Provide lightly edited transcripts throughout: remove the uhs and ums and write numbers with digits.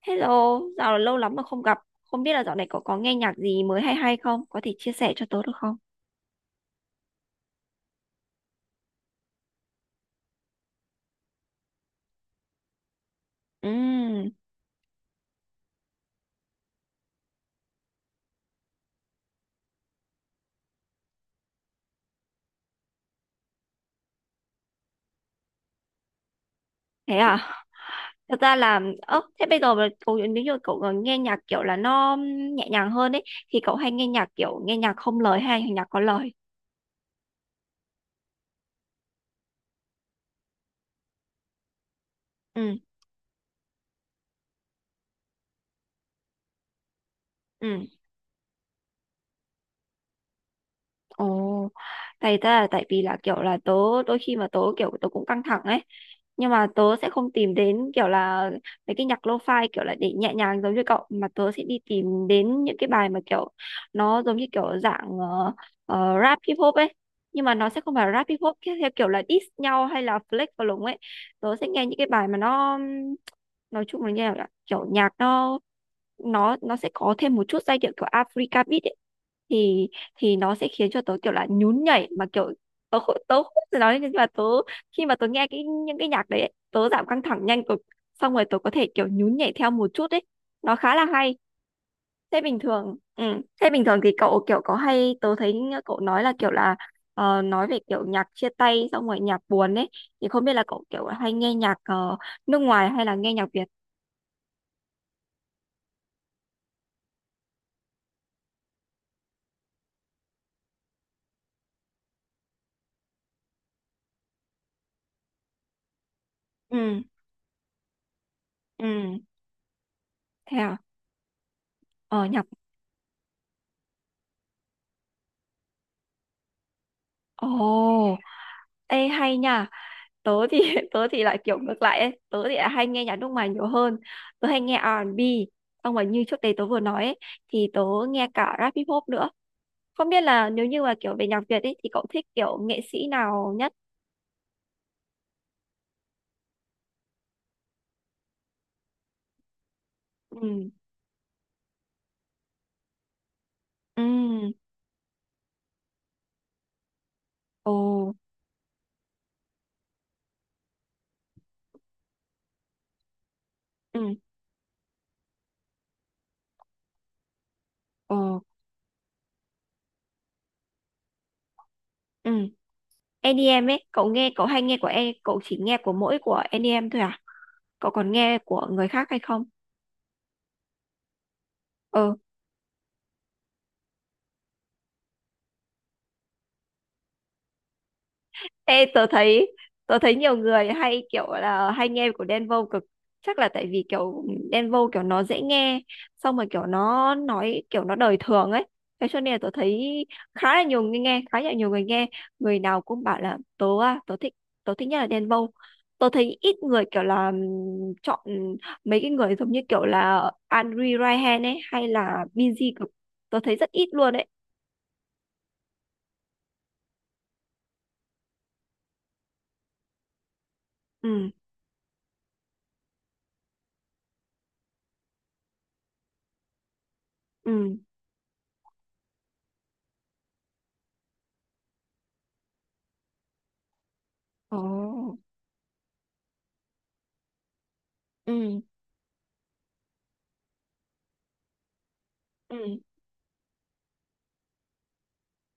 Hello, dạo lâu lắm mà không gặp. Không biết là dạo này cậu có nghe nhạc gì mới hay hay không? Có thể chia sẻ cho tớ được không? Ừm. Thế à? Thật ra là, ơ, thế bây giờ mà cậu, nếu như cậu còn nghe nhạc kiểu là nó nhẹ nhàng hơn ấy, thì cậu hay nghe nhạc kiểu nghe nhạc không lời hay nhạc có lời? Ừ, ừ. Ồ. tại ta là tại vì là kiểu là tớ đôi khi mà tớ cũng căng thẳng ấy, nhưng mà tớ sẽ không tìm đến kiểu là mấy cái nhạc lo-fi kiểu là để nhẹ nhàng giống như cậu, mà tớ sẽ đi tìm đến những cái bài mà kiểu nó giống như kiểu dạng rap hip hop ấy, nhưng mà nó sẽ không phải rap hip hop theo theo kiểu là diss nhau hay là flex vào lùng ấy. Tớ sẽ nghe những cái bài mà nó nói chung là như là kiểu nhạc nó sẽ có thêm một chút giai điệu kiểu Africa beat ấy, thì thì nó sẽ khiến cho tớ kiểu là nhún nhảy, mà kiểu tớ không thể nói, nhưng mà tớ khi mà tớ nghe cái những cái nhạc đấy ấy, tớ giảm căng thẳng nhanh cực, xong rồi tớ có thể kiểu nhún nhảy theo một chút ấy, nó khá là hay. Thế bình thường, ừ. Thế bình thường thì cậu kiểu có hay, tớ thấy cậu nói là kiểu là nói về kiểu nhạc chia tay xong rồi nhạc buồn ấy, thì không biết là cậu kiểu hay nghe nhạc nước ngoài hay là nghe nhạc Việt? Ừ, ừ. Thế à? Ờ nhạc ồ Ê, hay nha. Tớ thì tớ thì lại kiểu ngược lại ấy. Tớ thì lại hay nghe nhạc nước ngoài nhiều hơn. Tớ hay nghe R&B, xong rồi như trước đây tớ vừa nói ấy, thì tớ nghe cả rap hip hop nữa. Không biết là nếu như mà kiểu về nhạc Việt ấy thì cậu thích kiểu nghệ sĩ nào nhất? Ừ, ừ, ồ, ừ, ồ, ừ. EDM ấy, cậu nghe, cậu hay nghe của e, cậu chỉ nghe của mỗi của EDM thôi à, cậu còn nghe của người khác hay không? Ê, tớ thấy nhiều người hay kiểu là hay nghe của Đen Vâu cực, chắc là tại vì kiểu Đen Vâu kiểu nó dễ nghe, xong rồi kiểu nó nói kiểu nó đời thường ấy, thế cho nên là tớ thấy khá là nhiều người nghe, người nào cũng bảo là tớ thích, tớ thích nhất là Đen Vâu. Tớ thấy ít người kiểu là chọn mấy cái người giống như kiểu là Andre Ryan ấy hay là Binz cực, tớ thấy rất ít luôn ấy. Ừ, ừ, ồ, ừ, ừ.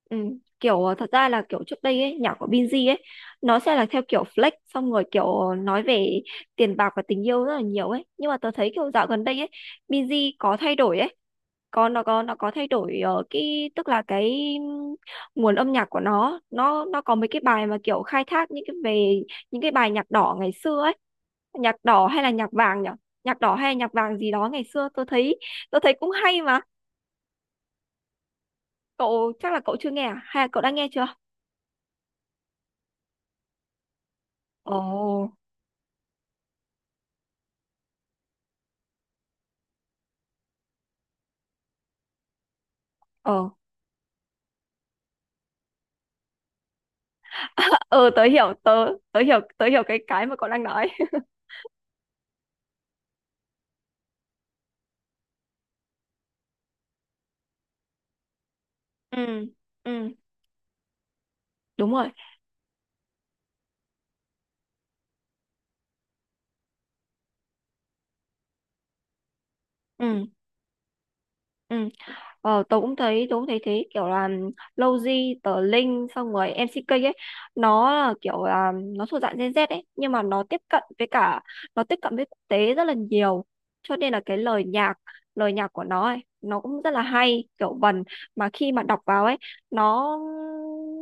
Ừ, kiểu thật ra là kiểu trước đây ấy, nhạc của Binz ấy nó sẽ là theo kiểu flex, xong rồi kiểu nói về tiền bạc và tình yêu rất là nhiều ấy, nhưng mà tớ thấy kiểu dạo gần đây ấy Binz có thay đổi ấy, có nó có nó có thay đổi ở cái, tức là cái ừm, nguồn âm nhạc của nó có mấy cái bài mà kiểu khai thác những cái về những cái bài nhạc đỏ ngày xưa ấy. Nhạc đỏ hay là nhạc vàng nhỉ? Nhạc đỏ hay là nhạc vàng gì đó ngày xưa, tôi thấy cũng hay mà. Cậu chắc là cậu chưa nghe à, hay là cậu đã nghe chưa? Ồ, ờ, ờ, tớ hiểu, tớ tớ hiểu, tớ hiểu cái mà cậu đang nói. Ừ, ừ, đúng rồi, ừ, ừ. Ờ, tớ cũng thấy thế, kiểu là Lowzy, tờ Linh xong rồi MCK ấy, nó là kiểu là nó thuộc dạng Gen Z ấy, nhưng mà nó tiếp cận với cả, nó tiếp cận với quốc tế rất là nhiều, cho nên là cái lời nhạc, lời nhạc của nó ấy nó cũng rất là hay, kiểu vần mà khi mà đọc vào ấy, nó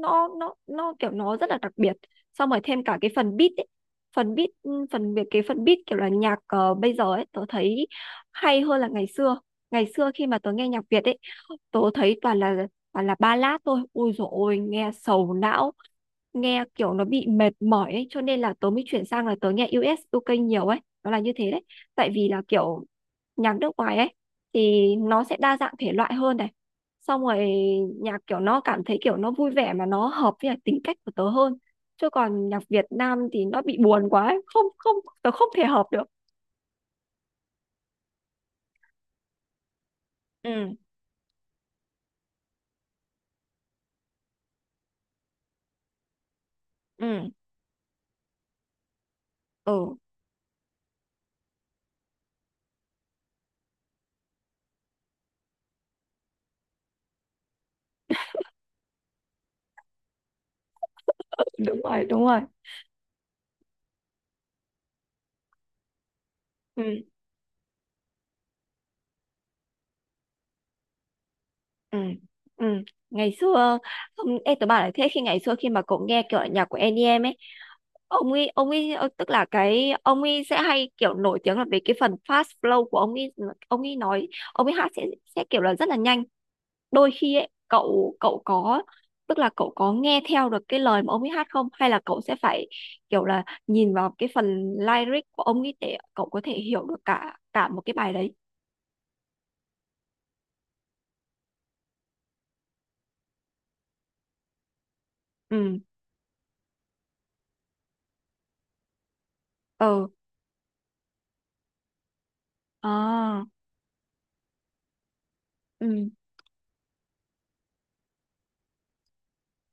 nó kiểu nó rất là đặc biệt. Xong rồi thêm cả cái phần beat ấy, phần beat, phần việc cái phần beat kiểu là nhạc bây giờ ấy, tớ thấy hay hơn là ngày xưa. Ngày xưa khi mà tớ nghe nhạc Việt ấy, tớ thấy toàn là ballad thôi, ui dồi ôi nghe sầu não, nghe kiểu nó bị mệt mỏi ấy, cho nên là tớ mới chuyển sang là tớ nghe u ét u UK nhiều ấy, nó là như thế đấy. Tại vì là kiểu nhạc nước ngoài ấy thì nó sẽ đa dạng thể loại hơn này, xong rồi nhạc kiểu nó cảm thấy kiểu nó vui vẻ mà nó hợp với lại tính cách của tớ hơn. Chứ còn nhạc Việt Nam thì nó bị buồn quá ấy. Không, không, tớ không thể hợp được. Ừ, ừ, ừ, đúng rồi, đúng rồi, ừ, ừ, ừ. Ngày xưa, không, em tớ bảo là thế, khi ngày xưa khi mà cậu nghe kiểu nhạc của EDM ấy, ông ấy tức là cái ông ấy sẽ hay kiểu nổi tiếng là về cái phần fast flow của ông ấy, ông ấy nói ông ấy hát sẽ kiểu là rất là nhanh. Đôi khi ấy cậu cậu có, tức là cậu có nghe theo được cái lời mà ông ấy hát không, hay là cậu sẽ phải kiểu là nhìn vào cái phần lyric của ông ấy để cậu có thể hiểu được cả cả một cái bài đấy? Ừ, ờ, à, ừ,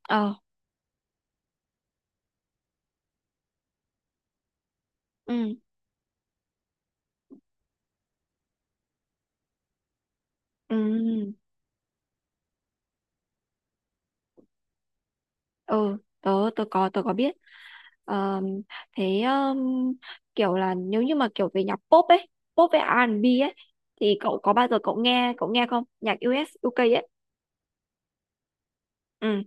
ờ, ừ. Ừ, ừ, tớ tớ có biết. Ờ, thế kiểu là nếu như mà kiểu về nhạc pop ấy, pop với R&B ấy, thì cậu có bao giờ cậu nghe, cậu nghe không? Nhạc US UK ấy. Ừ,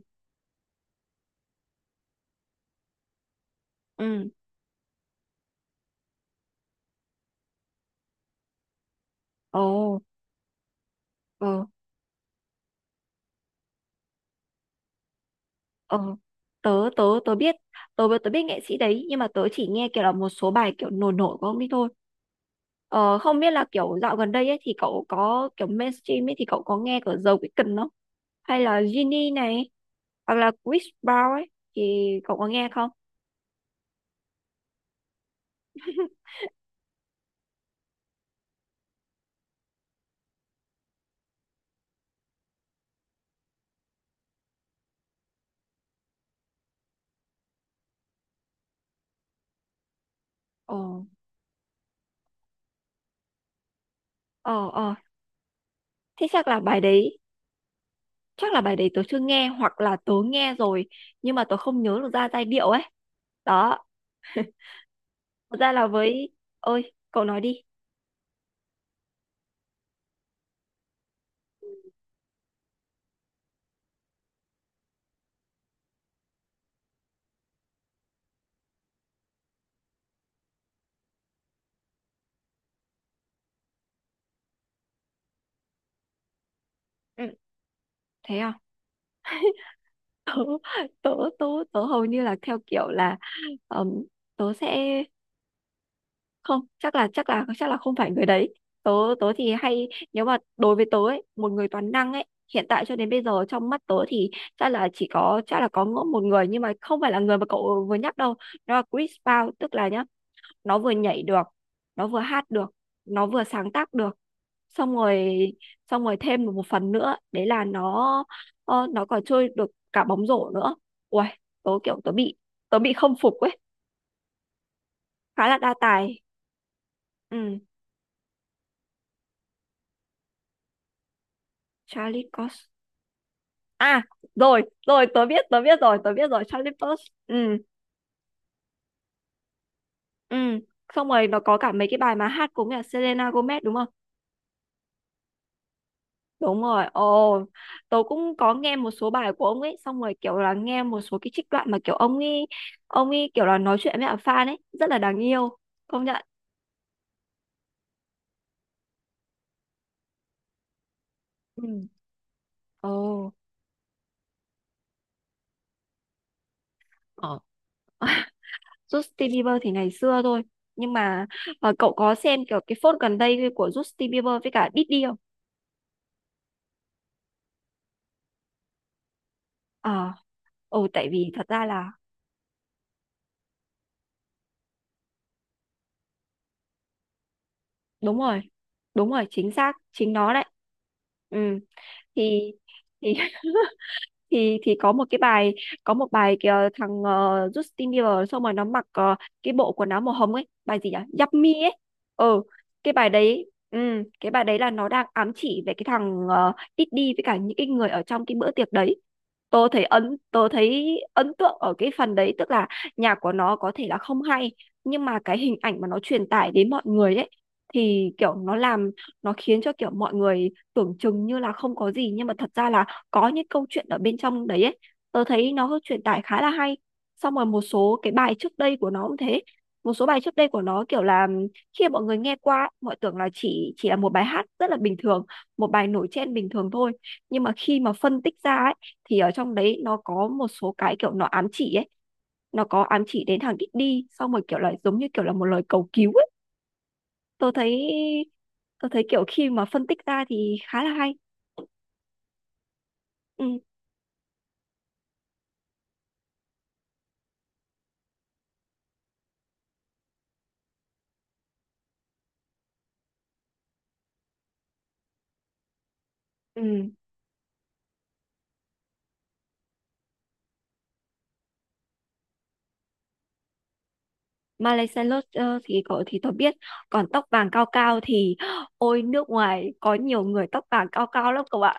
ừ. Ồ, ờ, ờ. Tớ tớ tớ biết, tớ tớ biết nghệ sĩ đấy, nhưng mà tớ chỉ nghe kiểu là một số bài kiểu nổi nổi của ông ấy thôi. Ờ, không biết là kiểu dạo gần đây ấy thì cậu có kiểu mainstream ấy thì cậu có nghe của The Weeknd không? Hay là Genie này, hoặc là Chris Brown ấy, thì cậu có nghe không? Ồ, ờ, ờ. Thế chắc là bài đấy, chắc là bài đấy tớ chưa nghe, hoặc là tớ nghe rồi nhưng mà tớ không nhớ được ra giai điệu ấy. Đó. Thật ra là với, ơi, cậu nói đi. Ừ. Thế à? Tớ tớ tớ tớ hầu như là theo kiểu là ừm, tớ sẽ không, chắc là không phải người đấy. Tớ tớ thì hay, nếu mà đối với tớ ấy một người toàn năng ấy, hiện tại cho đến bây giờ trong mắt tớ thì chắc là có ngỗ một người, nhưng mà không phải là người mà cậu vừa nhắc đâu. Nó là Chris Brown, tức là nhá, nó vừa nhảy được, nó vừa hát được, nó vừa sáng tác được, xong rồi xong rồi thêm một một phần nữa đấy là nó nó còn chơi được cả bóng rổ nữa. Ui, tớ bị, tớ bị không phục ấy. Khá là đa tài. Ừ. Charlie Cox. À, rồi, rồi, tớ biết rồi, Charlie Puth. Ừ, ừ. Xong rồi nó có cả mấy cái bài mà hát cùng là Selena Gomez đúng không? Đúng rồi, ồ, tớ cũng có nghe một số bài của ông ấy, xong rồi kiểu là nghe một số cái trích đoạn mà kiểu ông ấy kiểu là nói chuyện với cả fan ấy, rất là đáng yêu, công nhận. Ừ, ồ, ờ. Justin Bieber thì ngày xưa thôi, nhưng mà cậu có xem kiểu cái phốt gần đây của Justin Bieber với cả Diddy không? Ờ, ồ, tại vì thật ra là đúng rồi, đúng rồi, chính xác, chính nó đấy. Ừ, thì thì thì có một cái bài, có một bài kìa, thằng Justin Bieber xong rồi nó mặc cái bộ quần áo màu hồng ấy, bài gì nhỉ, Yummy ấy. Ừ, cái bài đấy, ừ, cái bài đấy là nó đang ám chỉ về cái thằng Diddy với cả những cái người ở trong cái bữa tiệc đấy. Tôi thấy ấn tượng ở cái phần đấy, tức là nhạc của nó có thể là không hay, nhưng mà cái hình ảnh mà nó truyền tải đến mọi người ấy thì kiểu nó khiến cho kiểu mọi người tưởng chừng như là không có gì, nhưng mà thật ra là có những câu chuyện ở bên trong đấy ấy, tớ thấy nó truyền tải khá là hay. Xong rồi một số cái bài trước đây của nó cũng thế, một số bài trước đây của nó kiểu là khi mà mọi người nghe qua ấy, mọi tưởng là chỉ là một bài hát rất là bình thường, một bài nổi trên bình thường thôi, nhưng mà khi mà phân tích ra ấy thì ở trong đấy nó có một số cái kiểu nó ám chỉ ấy, nó có ám chỉ đến thằng Diddy, xong rồi kiểu là giống như kiểu là một lời cầu cứu ấy. tôi thấy tôi thấy kiểu khi mà phân tích ra thì khá là hay. Ừ. Ừ, Miley Cyrus ờ, thì cậu thì tôi biết, còn tóc vàng cao cao thì ôi nước ngoài có nhiều người tóc vàng cao cao lắm cậu ạ.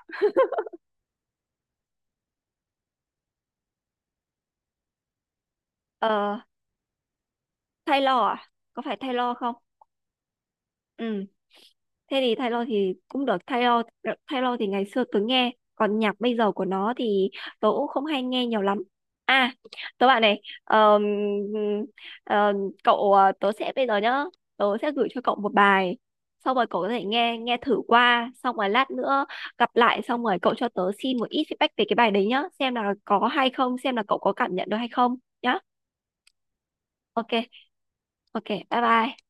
Ờ, Taylor à, có phải Taylor không? Ừ. Thế thì Taylor thì cũng được. Taylor Taylor thì ngày xưa tớ nghe, còn nhạc bây giờ của nó thì tớ cũng không hay nghe nhiều lắm. À, tớ bạn này, ờm, tớ sẽ bây giờ nhá, tớ sẽ gửi cho cậu một bài, xong rồi cậu có thể nghe nghe thử qua, xong rồi lát nữa gặp lại xong rồi cậu cho tớ xin một ít feedback về cái bài đấy nhá, xem là có hay không, xem là cậu có cảm nhận được hay không nhá. Ok, ok, bye bye.